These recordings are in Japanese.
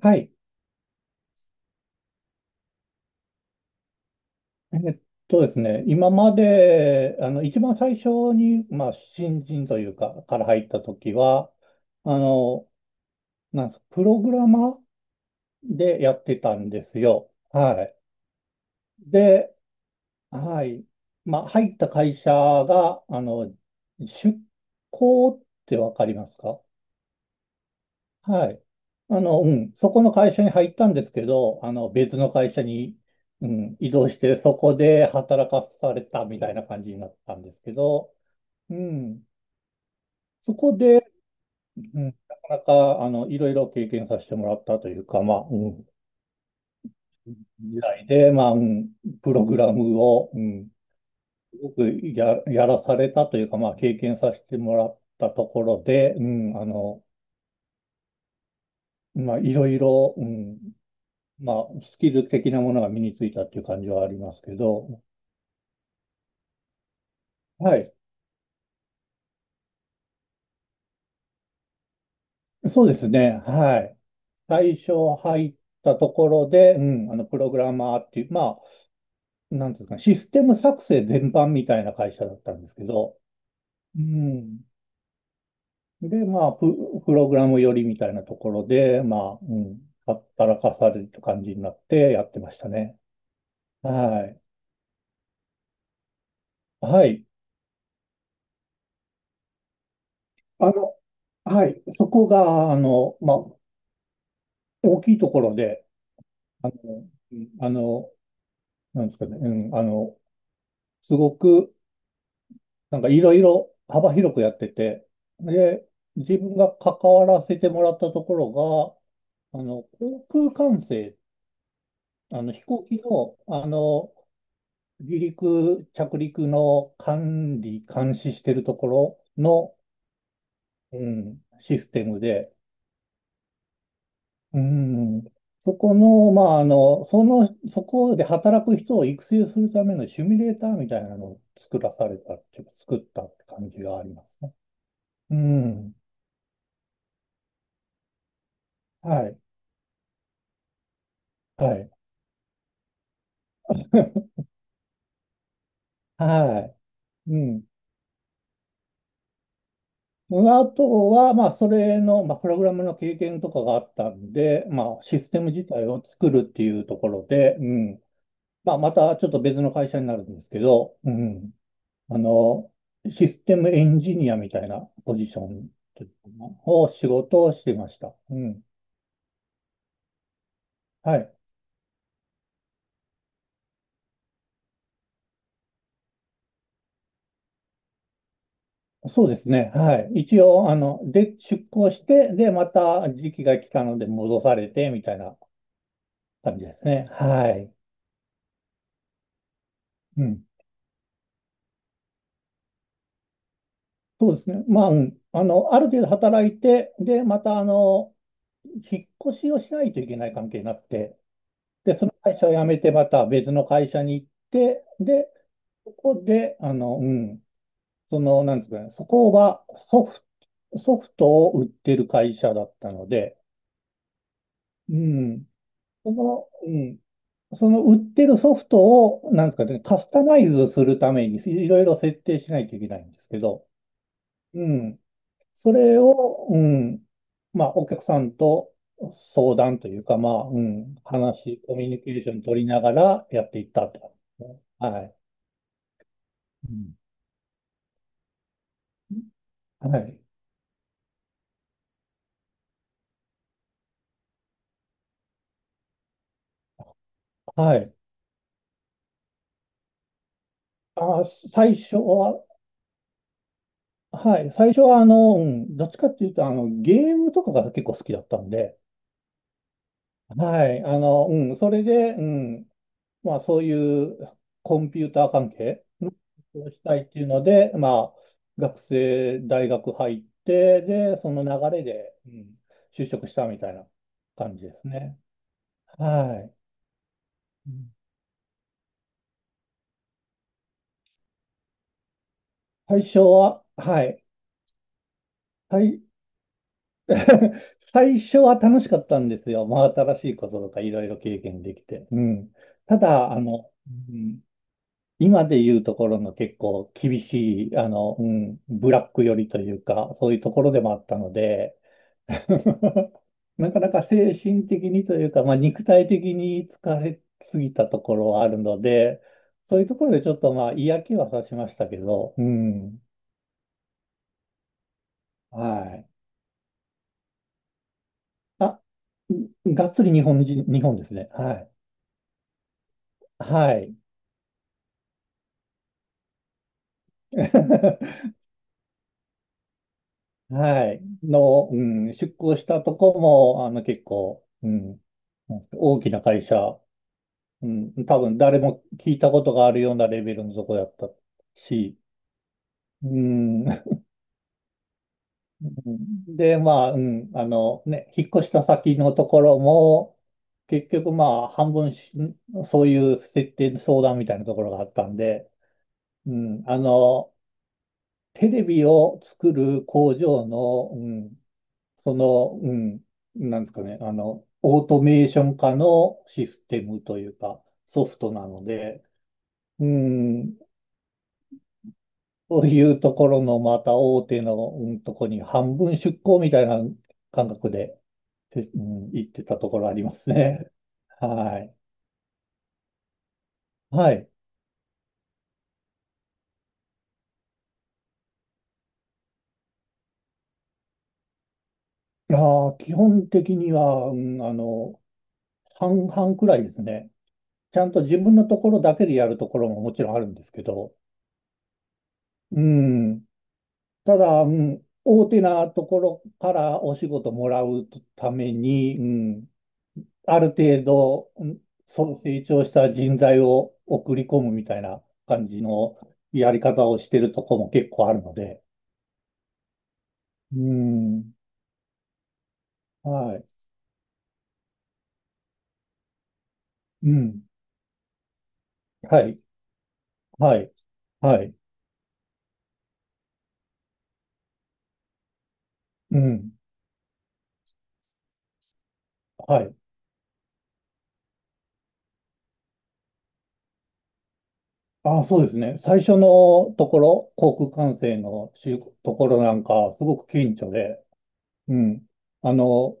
はい。えっとですね、今まで、一番最初に、新人というか、から入った時は、あの、なんすか、プログラマーでやってたんですよ。はい。で、はい。入った会社が、出向ってわかりますか？はい。そこの会社に入ったんですけど、あの、別の会社に、うん、移動して、そこで働かされたみたいな感じになったんですけど、うん、そこで、うん、なかなか、いろいろ経験させてもらったというか、時代で、プログラムを、すごくやらされたというか、まあ、経験させてもらったところで、まあ、いろいろ、まあ、スキル的なものが身についたっていう感じはありますけど、はい。そうですね。はい。最初入ったところで、プログラマーっていう、まあ、なんていうんですかね、システム作成全般みたいな会社だったんですけど、うん。で、プログラム寄りみたいなところで、働かされる感じになってやってましたね。はい。はい。あの、はい。そこが、大きいところで、うんあの、なんですかね、うん、あの、すごく、なんかいろいろ幅広くやってて、で、自分が関わらせてもらったところが、航空管制、飛行機の、離陸、着陸の管理、監視してるところの、うん、システムで、うん。そこの、そこで働く人を育成するためのシミュレーターみたいなのを作らされたっていうか、作ったって感じがありますね。うん。はい。はい。はい。うん。あとは、それの、まあ、プログラムの経験とかがあったんで、まあ、システム自体を作るっていうところで、うん。まあ、またちょっと別の会社になるんですけど、うん。あの、システムエンジニアみたいなポジションというのを仕事をしてました。うん。はい。そうですね。はい。一応、出向して、で、また時期が来たので戻されて、みたいな感じですね。はい。うん。そうですね。まあ、うん。あの、ある程度働いて、で、また、引っ越しをしないといけない関係になって、で、その会社を辞めて、また別の会社に行って、で、ここで、あの、うん、その、なんですかね、そこはソフトを売ってる会社だったので、うん。その、うん。その売ってるソフトを、なんですかね、カスタマイズするためにいろいろ設定しないといけないんですけど、うん。それを、うん。まあ、お客さんと相談というか、話、コミュニケーション取りながらやっていったって感じですね。はい。うん。はい。はい。あー、最初は、はい、最初はどっちかっていうと、あの、ゲームとかが結構好きだったんで、はい、それで、うん、まあそういうコンピューター関係の仕事をしたいっていうので、まあ学生、大学入って、で、その流れで、うん、就職したみたいな感じですね。はい。うん最初は、はい。はい。 最初は楽しかったんですよ。真新しいこととかいろいろ経験できて。うん。ただ、うん、今で言うところの結構厳しい、ブラック寄りというか、そういうところでもあったので、なかなか精神的にというか、まあ、肉体的に疲れすぎたところはあるので、そういうところでちょっとまあ嫌気はさしましたけど、うん。はい。あ、がっつり日本人、日本ですね。はい。はい。はい。の、うん、出向したとこも、結構、うん、なんですか大きな会社、うん、多分誰も聞いたことがあるようなレベルのとこだったし、うん、で、引っ越した先のところも、結局、まあ、半分し、そういう設定相談みたいなところがあったんで、うん、あの、テレビを作る工場の、うん、その、うん、なんですかね、あの、オートメーション化のシステムというか、ソフトなので、うん、そういうところのまた大手の、うん、とこに半分出向みたいな感覚で、えうん、行ってたところありますね。はい。はい。いやー、基本的には、半々くらいですね。ちゃんと自分のところだけでやるところももちろんあるんですけど、うん、ただ、うん、大手なところからお仕事もらうために、うん、ある程度、そう成長した人材を送り込むみたいな感じのやり方をしてるとこも結構あるので、うん、はい、うん、はい、はい、はい、うん、はい。あ、そうですね。最初のところ、航空管制のところなんか、すごく顕著で、うん。あの、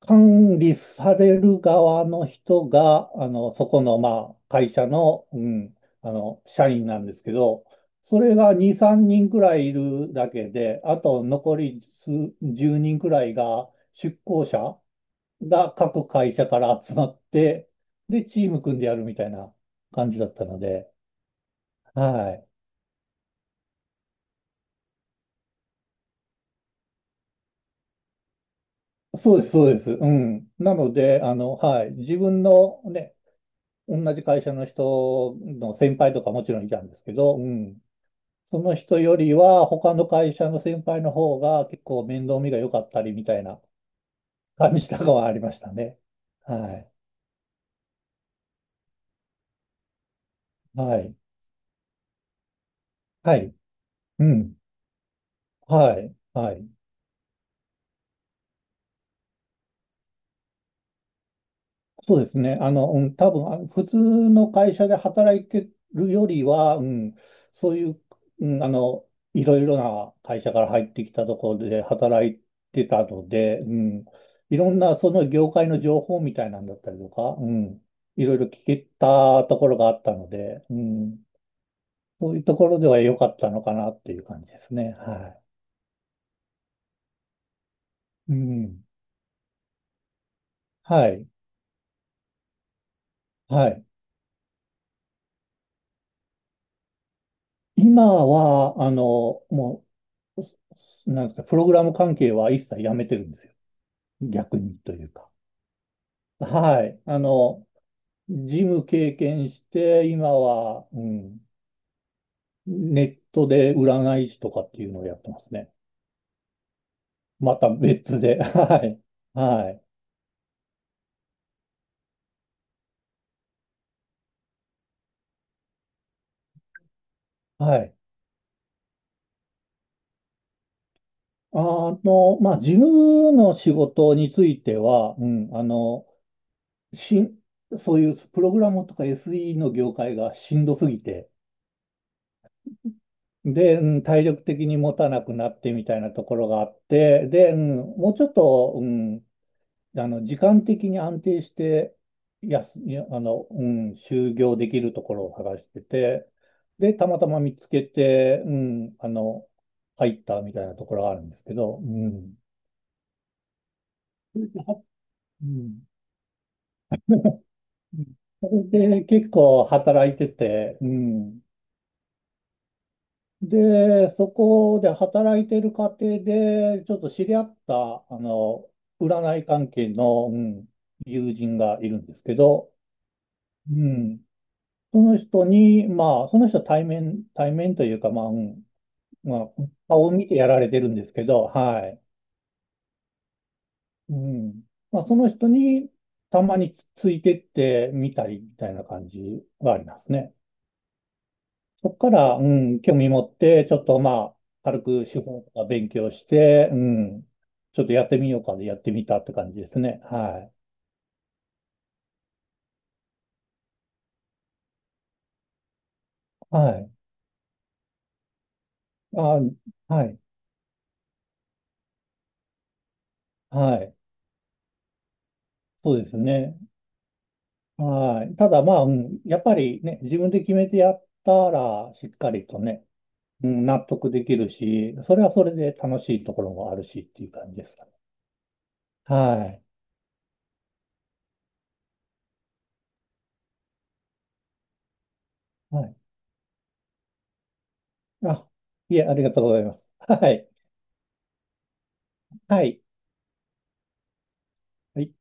管理される側の人が、そこの、まあ、会社の、社員なんですけど、それが2、3人くらいいるだけで、あと残り数10人くらいが、出向者が各会社から集まって、で、チーム組んでやるみたいな感じだったので、はい。そうです、そうです。うん。なので、あの、はい。自分のね、同じ会社の人の先輩とかもちろんいたんですけど、うん。その人よりは他の会社の先輩の方が結構面倒見が良かったりみたいな感じとかはありましたね。はい。はい。はい。うん。はい。はい。そうですね。多分、あの、普通の会社で働いてるよりは、うん、そういう、うん、あの、いろいろな会社から入ってきたところで働いてたので、うん、いろんなその業界の情報みたいなんだったりとか、うん、いろいろ聞けたところがあったので、うん、そういうところでは良かったのかなっていう感じですね。はい。うん。はい。はい。今は、もなんですか、プログラム関係は一切やめてるんですよ。逆にというか。はい。あの、事務経験して、今は、うん、ネットで占い師とかっていうのをやってますね。また別で。はい。はい。はい。あの、まあ、事務の仕事については、しん、そういうプログラムとか SE の業界がしんどすぎて、で、うん、体力的に持たなくなってみたいなところがあって、で、うん、もうちょっと、うん、あの時間的に安定してやす、やあの、うん、就業できるところを探してて、で、たまたま見つけて、うん、あの、入ったみたいなところがあるんですけど、うん。うん。うんそれで結構働いてて、うん。で、そこで働いてる過程で、ちょっと知り合った、あの、占い関係の、うん、友人がいるんですけど、うん、その人に、まあ、その人は対面というか、まあ、顔を見てやられてるんですけど、はい。うん。まあ、その人に、たまにつ、ついてってみたりみたいな感じはありますね。そこから、うん、興味持って、ちょっとまあ、軽く手法とか勉強して、うん、ちょっとやってみようかでやってみたって感じですね。はい。はい。あ、はい。はい。そうですね。はい。ただまあ、うん、やっぱりね、自分で決めてやったら、しっかりとね、うん、納得できるし、それはそれで楽しいところもあるしっていう感じですかね。はい。はい。あ、いえ、ありがとうございます。はい。はい。はい。